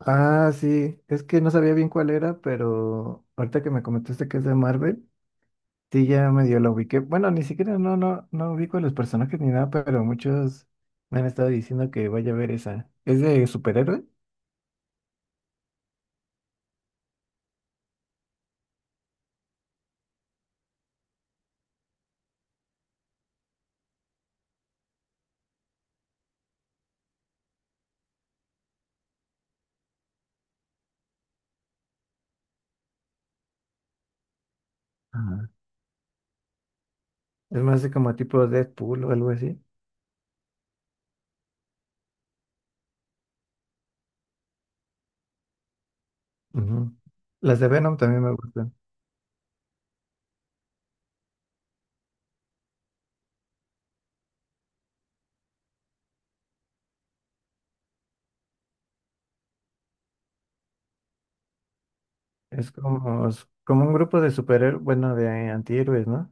Ah, sí, es que no sabía bien cuál era, pero ahorita que me comentaste que es de Marvel, sí ya medio la ubiqué. Bueno, ni siquiera no ubico a los personajes ni nada, pero muchos me han estado diciendo que vaya a ver esa. ¿Es de superhéroe? Ajá. Es más de como tipo Deadpool o algo así. Ujú. Las de Venom también me gustan. Es como un grupo de superhéroes, bueno, de antihéroes, ¿no?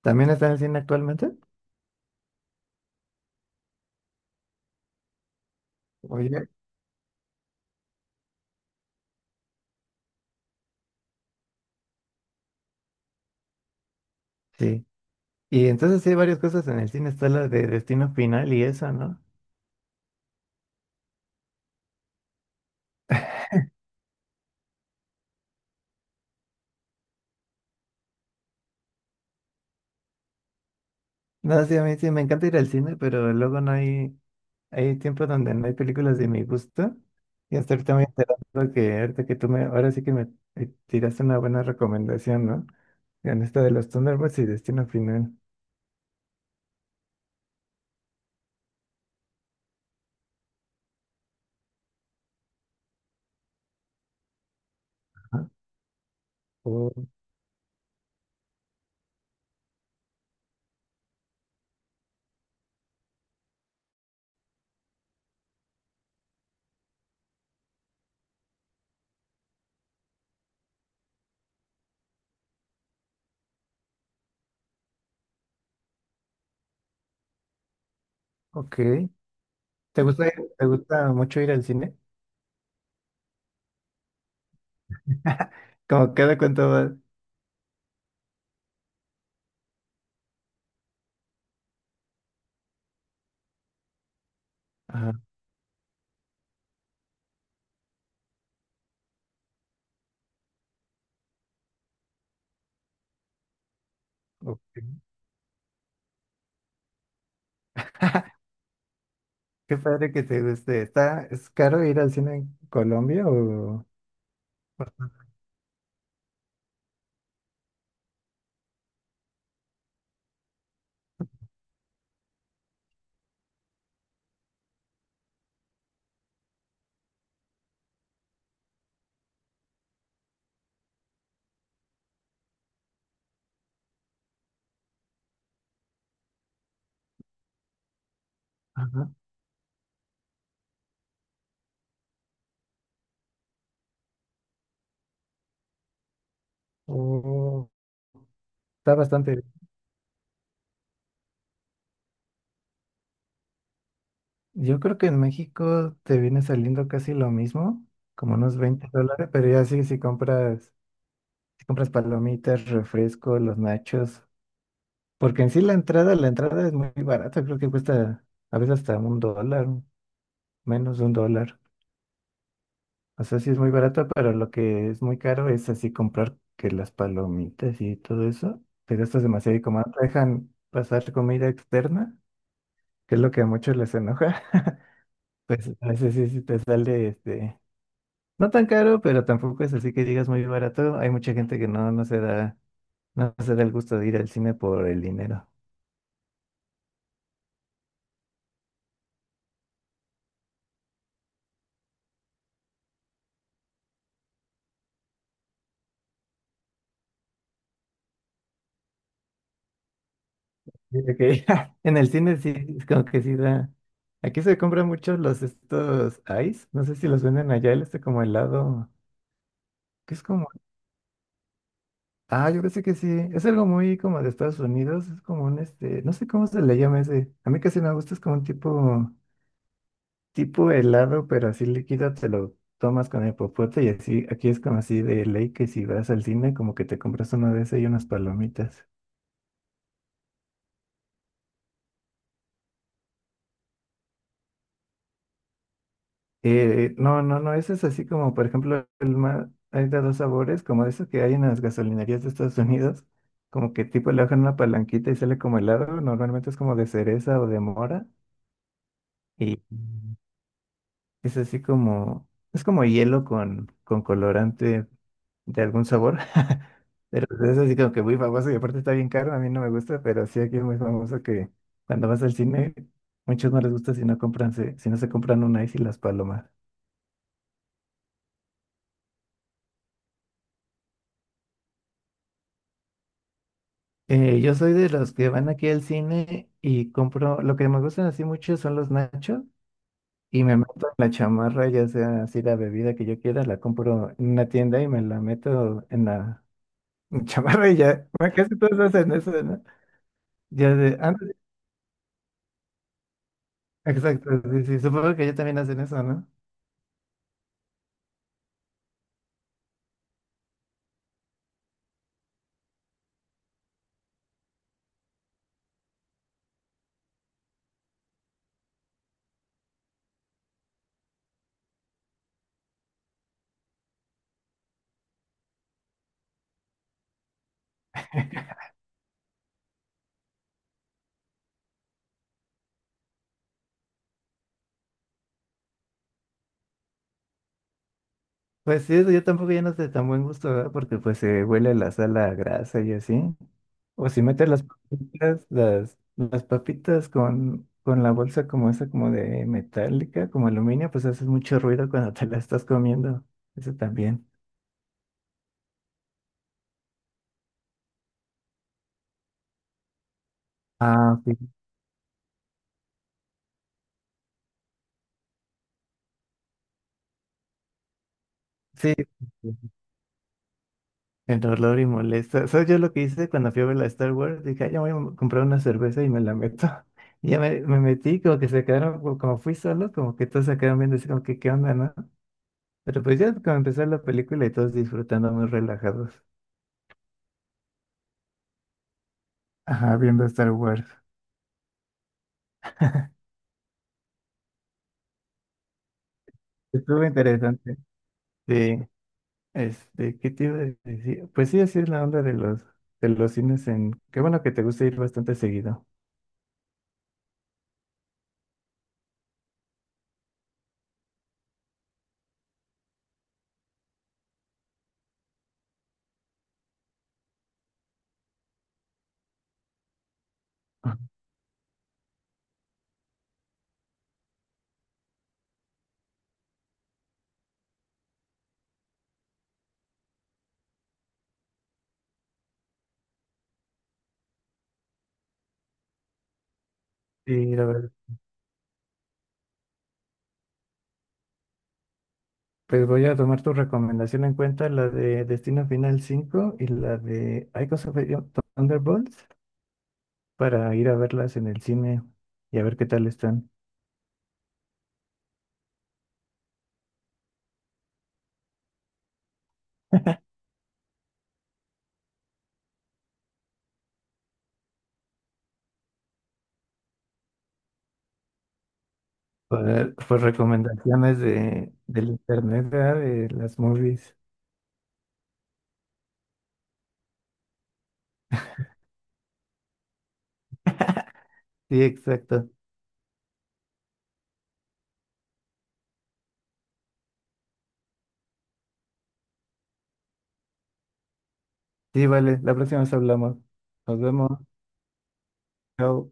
¿También está en el cine actualmente? Oye. Sí. Y entonces sí hay varias cosas en el cine. Está la de Destino Final y esa, ¿no? No, sí, a mí sí me encanta ir al cine, pero luego no hay, hay tiempo donde no hay películas de mi gusto. Y hasta ahorita me he enterado que ahorita ahora sí que me tiraste una buena recomendación, ¿no? En esta de los Thunderbolts y Destino Final. Ajá. Oh, ok. ¿Te gusta mucho ir al cine? Como cada cuánto vas. Ajá. Ok. Qué padre que te guste. ¿Es caro ir al cine en Colombia o...? Ajá. Oh, está bastante. Yo creo que en México te viene saliendo casi lo mismo, como unos $20, pero ya sí, si compras palomitas, refresco, los nachos, porque en sí la entrada es muy barata, creo que cuesta a veces hasta un dólar, menos de un dólar. O sea, sí es muy barata, pero lo que es muy caro es así comprar que las palomitas y todo eso, te gastas demasiado y como no te dejan pasar comida externa, que es lo que a muchos les enoja, pues a veces sí, sí te sale este. No tan caro, pero tampoco es así que digas muy barato. Hay mucha gente que no se da el gusto de ir al cine por el dinero. Yo que en el cine sí, es como que sí da. Aquí se compran mucho los estos ice. No sé si los venden allá, el este como helado. Que es como. Ah, yo pensé que sí. Es algo muy como de Estados Unidos. Es como un este. No sé cómo se le llama ese. A mí casi no me gusta, es como un tipo helado, pero así líquido, te lo tomas con el popote y así, aquí es como así de ley que si vas al cine, como que te compras uno de ese y unas palomitas. No, no, no, ese es así como, por ejemplo, el más, hay de dos sabores, como eso que hay en las gasolinerías de Estados Unidos, como que tipo le bajan una palanquita y sale como helado, normalmente es como de cereza o de mora, y es así como, es como hielo con colorante de algún sabor. Pero es así como que muy famoso y aparte está bien caro, a mí no me gusta, pero sí aquí es muy famoso que cuando vas al cine, muchos no les gusta si no se compran un ice y las palomas. Yo soy de los que van aquí al cine y compro, lo que me gustan así mucho son los nachos y me meto en la chamarra, ya sea así la bebida que yo quiera, la compro en una tienda y me la meto en la chamarra y ya, bueno, casi todos hacen eso, ¿no? Ya de, antes, exacto, sí, sí, supongo que ya también hacen eso, ¿no? Pues sí, eso yo tampoco ya no sé tan buen gusto, ¿verdad? Porque pues se huele la sal a grasa y así. O si metes las papitas con la bolsa como esa, como de metálica, como aluminio, pues haces mucho ruido cuando te la estás comiendo. Eso también. Ah, ok. Sí. Sí, el olor y molesta. ¿Sabes yo lo que hice cuando fui a ver la Star Wars? Dije, "Ay, ya voy a comprar una cerveza y me la meto." Y ya me metí, como que se quedaron, como fui solo, como que todos se quedaron viendo así como que, ¿qué onda, no? Pero pues ya como empezó la película y todos disfrutando muy relajados. Ajá, viendo Star Wars. Estuvo interesante. Sí, este, ¿qué te iba a decir? Pues sí, así es la onda de los cines en... Qué bueno que te gusta ir bastante seguido. Sí, a ver, pues voy a tomar tu recomendación en cuenta, la de Destino Final 5 y la de Icons of Thunderbolts, para ir a verlas en el cine y a ver qué tal están. Por recomendaciones de, del internet, ¿verdad? De las movies. Sí, exacto. Sí, vale, la próxima vez hablamos. Nos vemos. Chao.